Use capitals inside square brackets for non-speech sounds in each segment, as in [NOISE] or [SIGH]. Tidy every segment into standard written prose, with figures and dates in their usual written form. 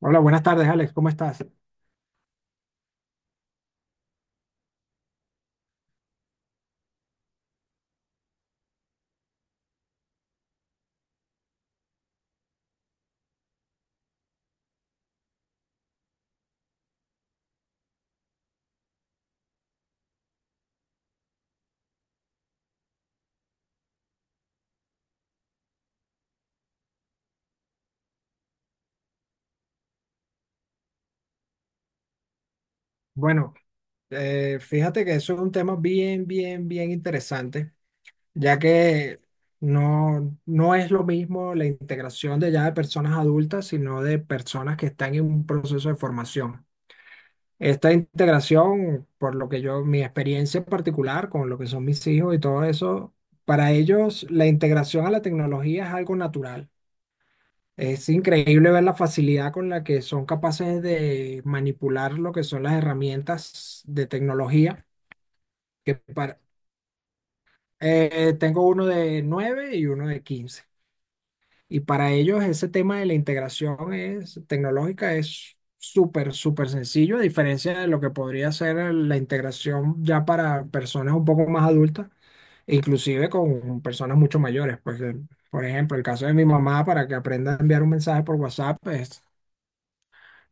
Hola, buenas tardes, Alex, ¿cómo estás? Bueno, fíjate que eso es un tema bien, bien, bien interesante, ya que no es lo mismo la integración de ya de personas adultas, sino de personas que están en un proceso de formación. Esta integración, por lo que yo, mi experiencia en particular con lo que son mis hijos y todo eso, para ellos la integración a la tecnología es algo natural. Es increíble ver la facilidad con la que son capaces de manipular lo que son las herramientas de tecnología. Que para, Tengo uno de 9 y uno de 15. Y para ellos ese tema de la integración tecnológica es súper, súper sencillo, a diferencia de lo que podría ser la integración ya para personas un poco más adultas, e inclusive con personas mucho mayores. Pues, por ejemplo, el caso de mi mamá para que aprenda a enviar un mensaje por WhatsApp, pues,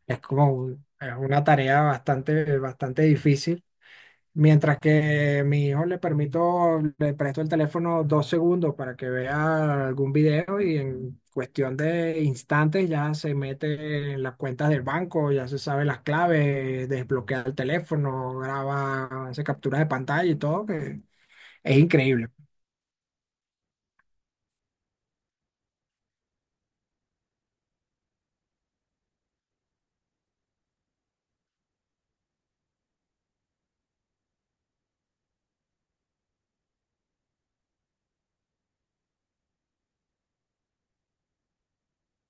Es como es una tarea bastante, bastante difícil. Mientras que mi hijo le permito, le presto el teléfono 2 segundos para que vea algún video y en cuestión de instantes ya se mete en las cuentas del banco, ya se sabe las claves, desbloquea el teléfono, graba, hace captura de pantalla y todo, que es increíble.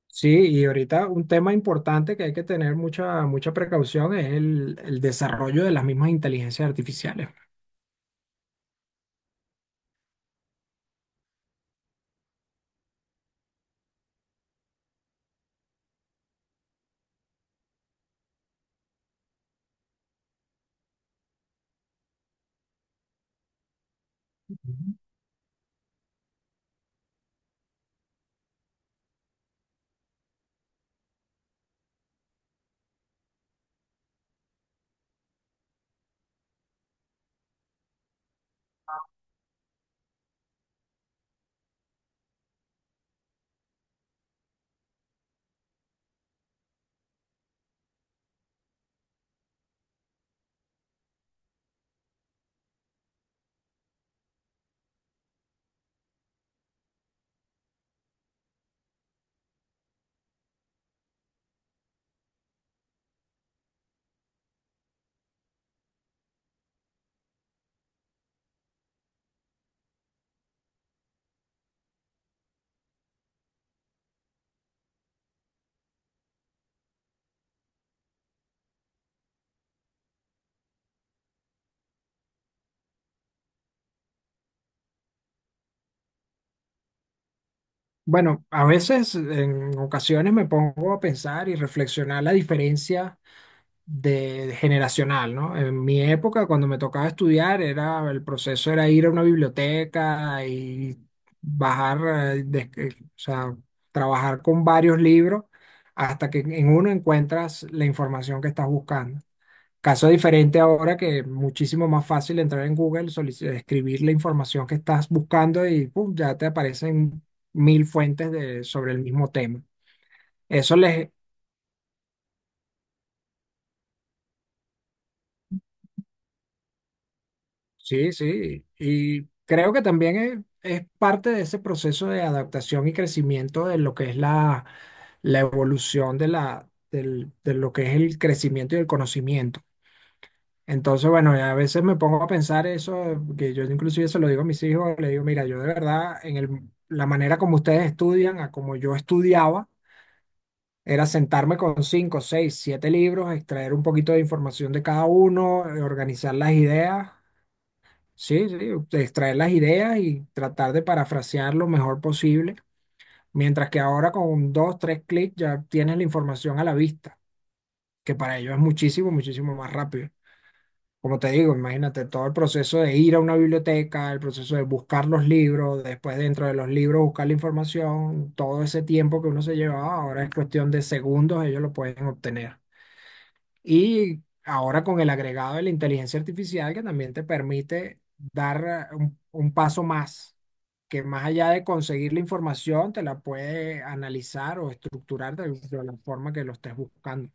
Sí, y ahorita un tema importante que hay que tener mucha, mucha precaución es el desarrollo de las mismas inteligencias artificiales. Bueno, a veces, en ocasiones me pongo a pensar y reflexionar la diferencia de generacional, ¿no? En mi época, cuando me tocaba estudiar, era el proceso era ir a una biblioteca y bajar, o sea, trabajar con varios libros hasta que en uno encuentras la información que estás buscando. Caso diferente ahora que es muchísimo más fácil entrar en Google, escribir la información que estás buscando y pum, ya te aparecen mil fuentes sobre el mismo tema. Eso les... Sí, sí. Y creo que también es parte de ese proceso de adaptación y crecimiento de lo que es la evolución de lo que es el crecimiento y el conocimiento. Entonces, bueno, a veces me pongo a pensar eso, que yo inclusive se lo digo a mis hijos, le digo, mira, yo de verdad, la manera como ustedes estudian, a como yo estudiaba, era sentarme con cinco, seis, siete libros, extraer un poquito de información de cada uno, organizar las ideas, sí, sí, extraer las ideas y tratar de parafrasear lo mejor posible, mientras que ahora con dos, tres clics ya tienes la información a la vista, que para ellos es muchísimo, muchísimo más rápido. Como te digo, imagínate todo el proceso de ir a una biblioteca, el proceso de buscar los libros, después dentro de los libros buscar la información, todo ese tiempo que uno se llevaba, ahora es cuestión de segundos, ellos lo pueden obtener. Y ahora con el agregado de la inteligencia artificial que también te permite dar un paso más, que más allá de conseguir la información, te la puede analizar o estructurar de la forma que lo estés buscando.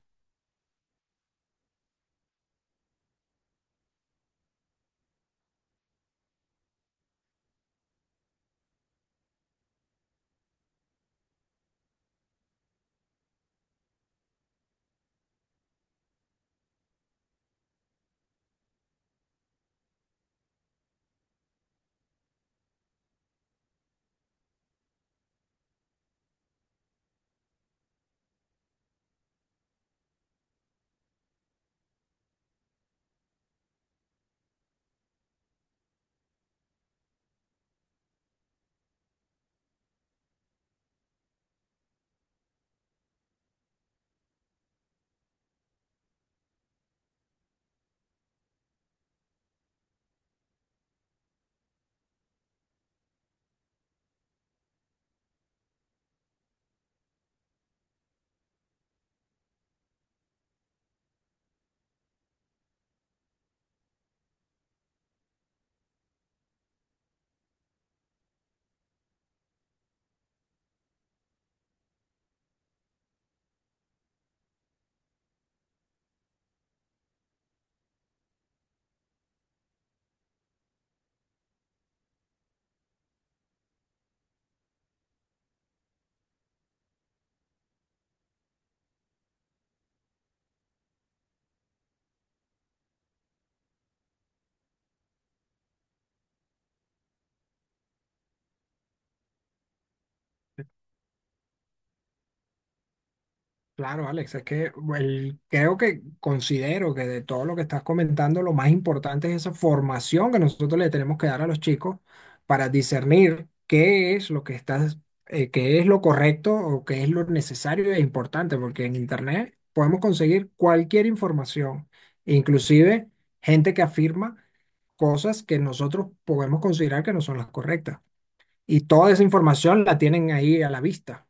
Claro, Alex, es que creo que considero que de todo lo que estás comentando, lo más importante es esa formación que nosotros le tenemos que dar a los chicos para discernir qué es lo que estás, qué es lo correcto o qué es lo necesario e importante, porque en Internet podemos conseguir cualquier información, inclusive gente que afirma cosas que nosotros podemos considerar que no son las correctas. Y toda esa información la tienen ahí a la vista.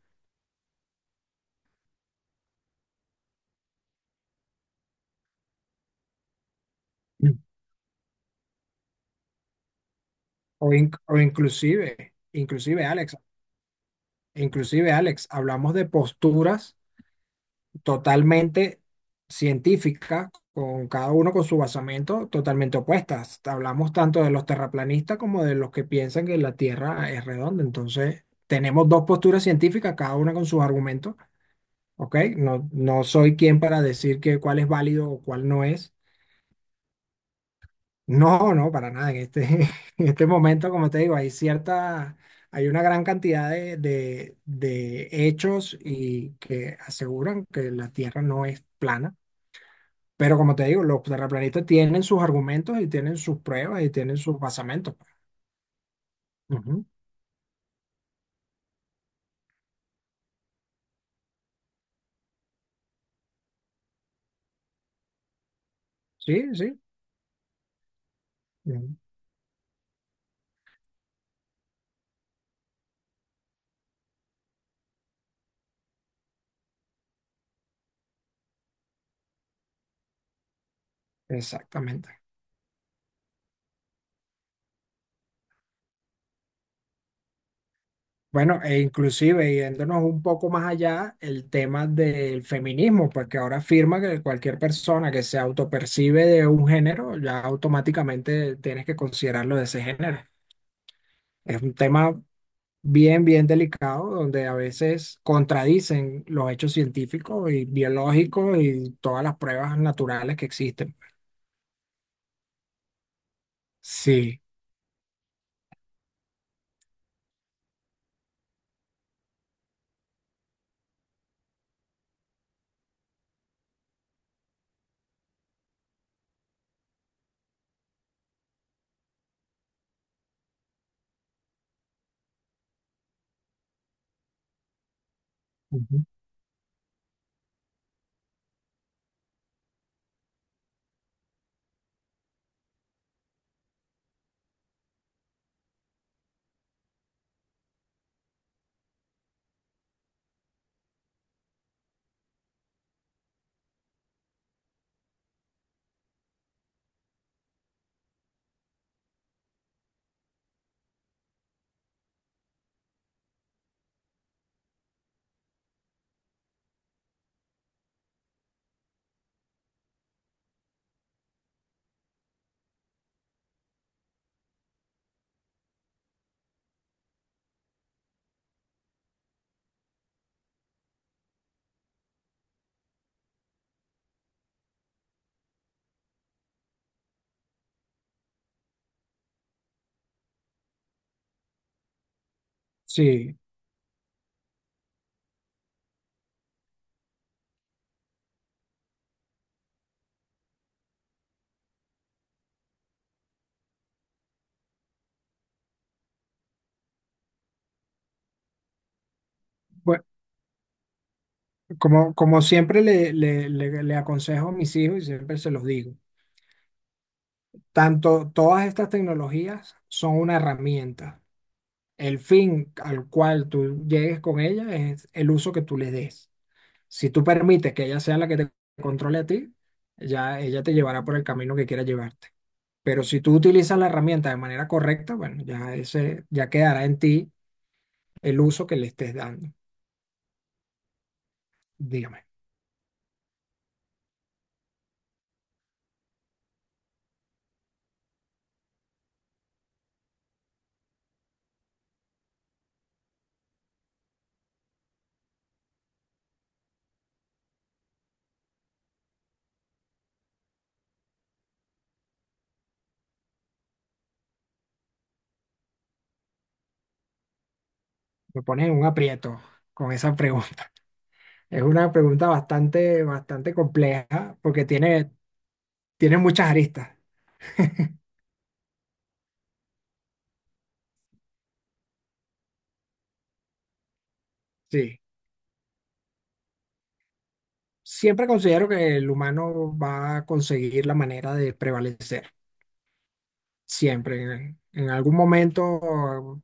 O inclusive Alex, hablamos de posturas totalmente científicas, con cada uno con su basamento totalmente opuestas. Hablamos tanto de los terraplanistas como de los que piensan que la Tierra es redonda. Entonces, tenemos dos posturas científicas, cada una con sus argumentos, ¿ok? No, no soy quien para decir que cuál es válido o cuál no es. No, no, para nada. En este, [LAUGHS] en este momento, como te digo, hay cierta, hay una gran cantidad de hechos y que aseguran que la Tierra no es plana. Pero como te digo, los terraplanistas tienen sus argumentos y tienen sus pruebas y tienen sus basamentos, pues. Ujú. Sí, sí. Ujú. Exactamente. Bueno, e inclusive yéndonos un poco más allá, el tema del feminismo, porque ahora afirma que cualquier persona que se autopercibe de un género, ya automáticamente tienes que considerarlo de ese género. Es un tema bien, bien delicado, donde a veces contradicen los hechos científicos y biológicos y todas las pruebas naturales que existen. Sí. Ujú. Sí. Bueno, como siempre le aconsejo a mis hijos y siempre se los digo. Tanto todas estas tecnologías son una herramienta. El fin al cual tú llegues con ella es el uso que tú le des. Si tú permites que ella sea la que te controle a ti, ya ella te llevará por el camino que quiera llevarte. Pero si tú utilizas la herramienta de manera correcta, bueno, ya ese ya quedará en ti el uso que le estés dando. Dígame, me pones en un aprieto con esa pregunta. Es una pregunta bastante, bastante compleja porque tiene muchas aristas. [LAUGHS] Sí. Siempre considero que el humano va a conseguir la manera de prevalecer. Siempre. En algún momento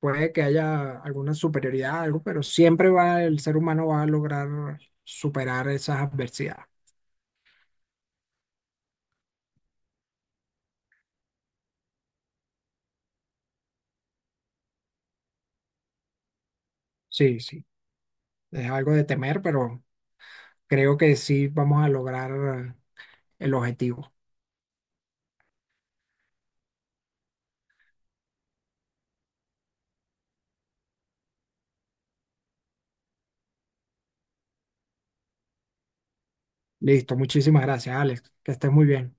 puede que haya alguna superioridad, algo, pero siempre va, el ser humano va a lograr superar esas adversidades. Sí, sí. Es algo de temer, pero creo que sí vamos a lograr el objetivo. Listo, muchísimas gracias, Alex. Que estés muy bien.